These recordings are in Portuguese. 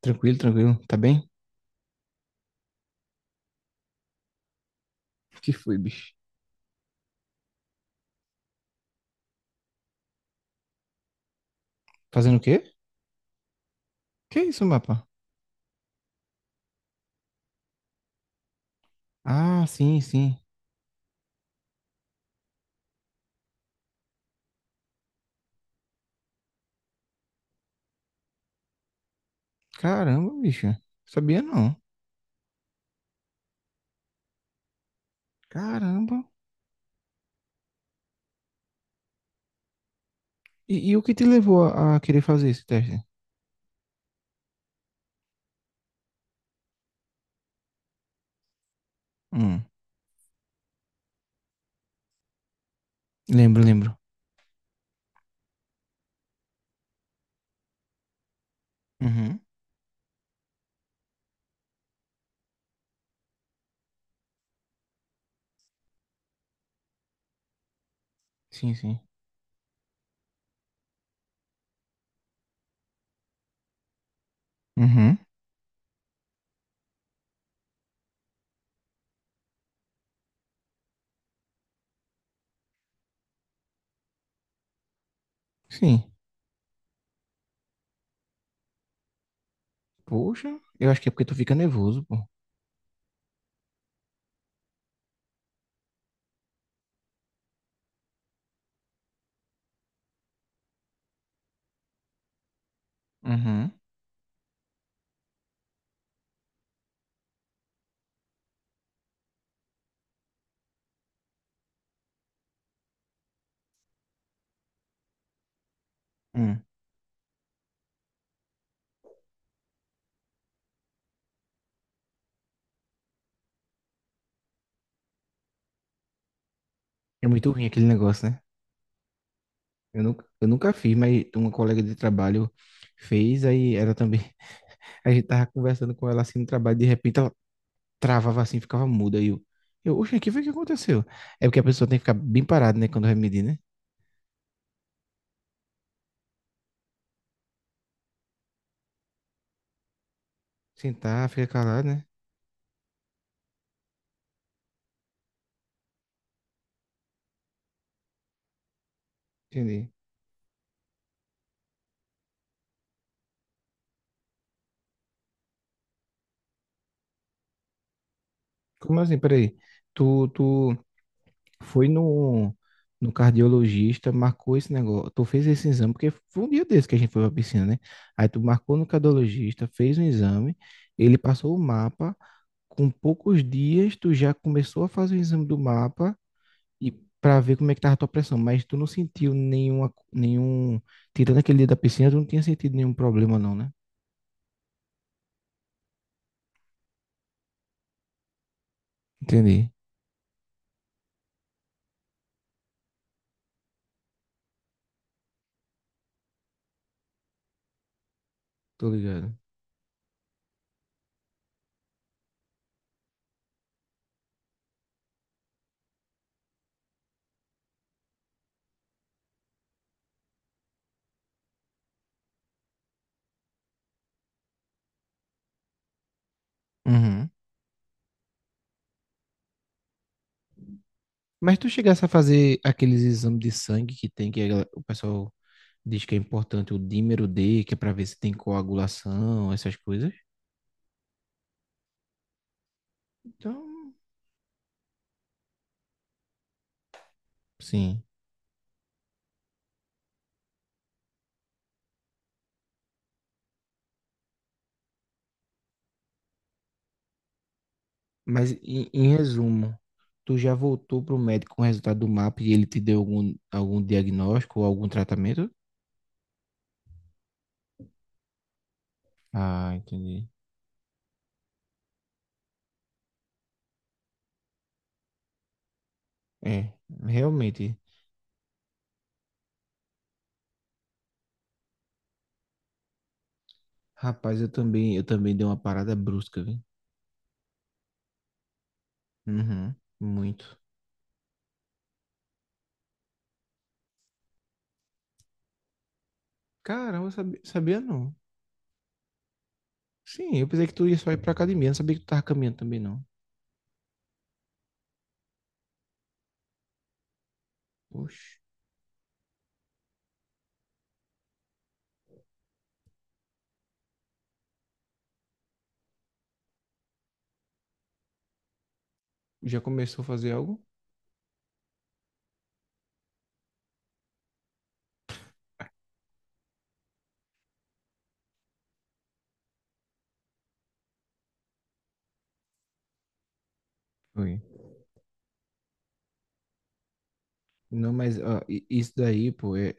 Tranquilo, tranquilo. Tá bem? O que foi, bicho? Fazendo o quê? Que isso, mapa? Ah, sim, sim. Caramba, bicho. Sabia não. Caramba. E o que te levou a querer fazer esse teste? Hum, lembro, lembro. Uhum. Sim, sim. Uhum. Sim. Poxa, eu acho que é porque tu fica nervoso, pô. Uhum. Hum. É muito ruim aquele negócio, né? Eu nunca fiz, mas uma colega de trabalho fez, aí ela também. A gente tava conversando com ela assim no trabalho, de repente travava assim, ficava muda. E eu, oxe, aqui foi o que aconteceu. É porque a pessoa tem que ficar bem parada, né? Quando vai medir, né? Sentar, fica calado, né? Entendi. Como assim? Peraí. Tu foi no cardiologista, marcou esse negócio. Tu fez esse exame, porque foi um dia desse que a gente foi pra piscina, né? Aí tu marcou no cardiologista, fez um exame, ele passou o mapa. Com poucos dias, tu já começou a fazer o exame do mapa e para ver como é que tava a tua pressão, mas tu não sentiu nenhum, tirando aquele dia da piscina, tu não tinha sentido nenhum problema não, né? Entendi. Tô ligado. Uhum. Mas tu chegasse a fazer aqueles exames de sangue que tem, que a o pessoal diz que é importante, o dímero D, que é para ver se tem coagulação, essas coisas. Então, sim. Mas em, em resumo, tu já voltou pro médico com o resultado do MAP e ele te deu algum, algum diagnóstico ou algum tratamento? Ah, entendi. É, realmente. Rapaz, eu também dei uma parada brusca, viu? Uhum, muito. Caramba, eu sabia, sabia não. Sim, eu pensei que tu ia só ir pra academia, não sabia que tu tava caminhando também, não. Oxe, já começou a fazer algo? Foi. Não, mas ó, isso daí, pô, é,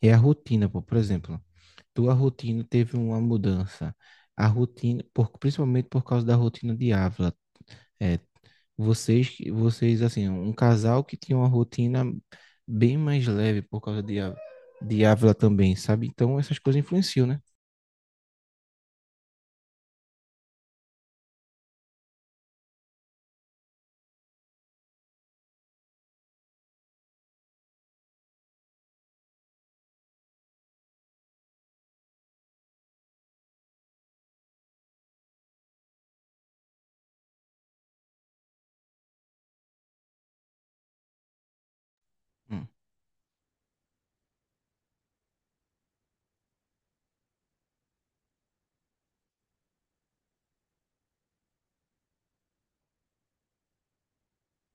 é a rotina, pô. Por exemplo, tua rotina teve uma mudança. A rotina, por, principalmente por causa da rotina de Ávila. É, vocês, assim, um casal que tinha uma rotina bem mais leve por causa de, de Ávila também, sabe? Então essas coisas influenciam, né? Hum,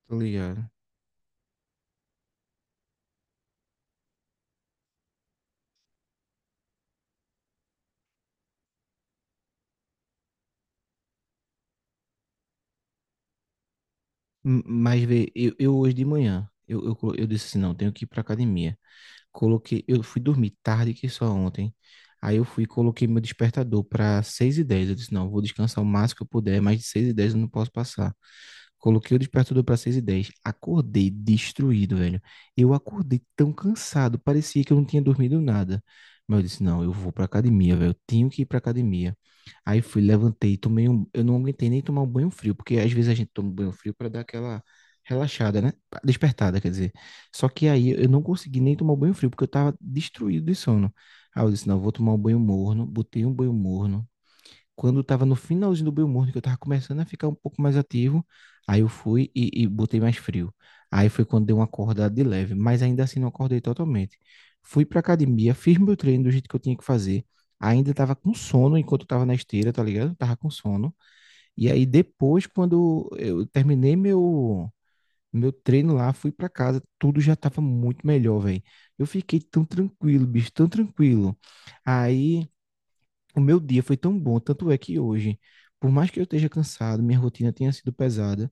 tô ligado. Mas vê, eu hoje de manhã, eu disse assim, não, tenho que ir pra academia. Coloquei, eu fui dormir tarde que só ontem. Aí eu fui e coloquei meu despertador para seis e dez. Eu disse, não, vou descansar o máximo que eu puder, mais de seis e dez eu não posso passar. Coloquei o despertador para 6 e 10. Acordei destruído, velho. Eu acordei tão cansado, parecia que eu não tinha dormido nada. Mas eu disse, não, eu vou pra academia, velho. Eu tenho que ir pra academia. Aí fui, levantei, tomei um... Eu não aguentei nem tomar um banho frio, porque às vezes a gente toma um banho frio para dar aquela relaxada, né? Despertada, quer dizer. Só que aí eu não consegui nem tomar um banho frio, porque eu tava destruído de sono. Aí eu disse, não, eu vou tomar um banho morno. Botei um banho morno, quando estava no finalzinho do Belmorno, que eu estava começando a ficar um pouco mais ativo, aí eu fui e botei mais frio. Aí foi quando deu uma acordada de leve, mas ainda assim não acordei totalmente. Fui pra academia, fiz meu treino do jeito que eu tinha que fazer. Ainda estava com sono enquanto eu tava na esteira, tá ligado? Tava com sono. E aí depois, quando eu terminei meu treino lá, fui pra casa, tudo já tava muito melhor, velho. Eu fiquei tão tranquilo, bicho, tão tranquilo. Aí o meu dia foi tão bom, tanto é que hoje, por mais que eu esteja cansado, minha rotina tenha sido pesada,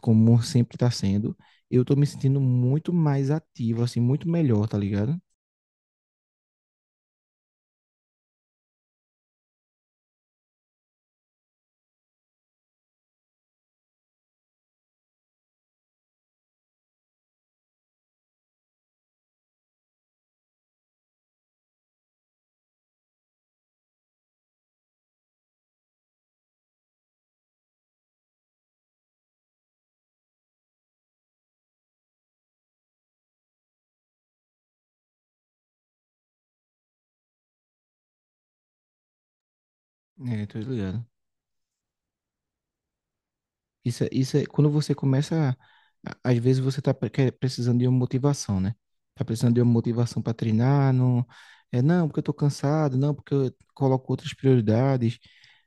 como sempre está sendo, eu tô me sentindo muito mais ativo, assim, muito melhor, tá ligado? É, tô ligado. Isso, isso é quando você começa, às vezes você está precisando de uma motivação, né? Tá precisando de uma motivação para treinar, não, é não, porque eu tô cansado, não, porque eu coloco outras prioridades,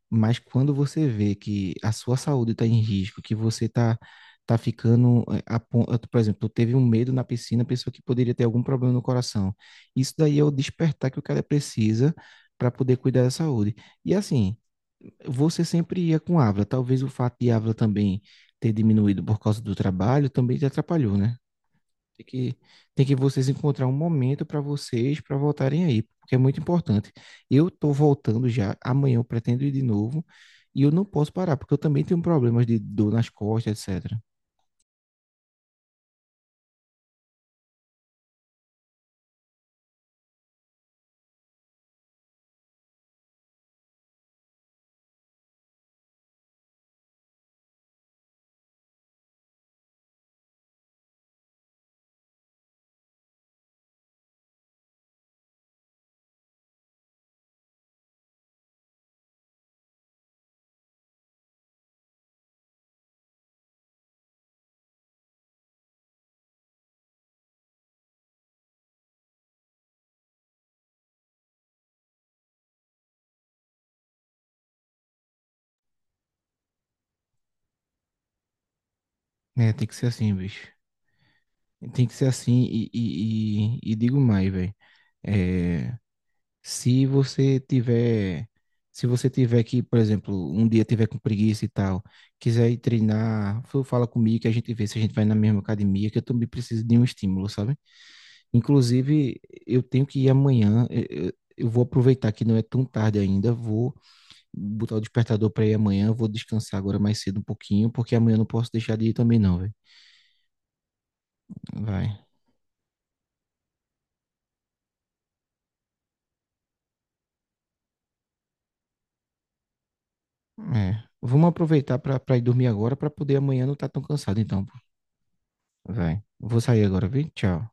mas quando você vê que a sua saúde está em risco, que você tá ficando, é, a eu, por exemplo, teve um medo na piscina, pessoa que poderia ter algum problema no coração. Isso daí é o despertar que o cara precisa para poder cuidar da saúde. E assim, você sempre ia com Ávila. Talvez o fato de Ávila também ter diminuído por causa do trabalho também te atrapalhou, né? Tem que, tem que vocês encontrar um momento para vocês, para voltarem aí, porque é muito importante. Eu tô voltando já, amanhã eu pretendo ir de novo, e eu não posso parar, porque eu também tenho problemas de dor nas costas, etc. É, tem que ser assim, bicho. Tem que ser assim, e digo mais, velho. É, se você tiver, se você tiver que, por exemplo, um dia tiver com preguiça e tal, quiser ir treinar, fala comigo que a gente vê se a gente vai na mesma academia, que eu também preciso de um estímulo, sabe? Inclusive, eu tenho que ir amanhã, eu vou aproveitar que não é tão tarde ainda, vou botar o despertador para ir amanhã, vou descansar agora mais cedo um pouquinho, porque amanhã eu não posso deixar de ir também não, velho. Vai. É. Vamos aproveitar para ir dormir agora para poder amanhã não estar tão cansado então, pô. Vai. Vou sair agora, viu? Tchau.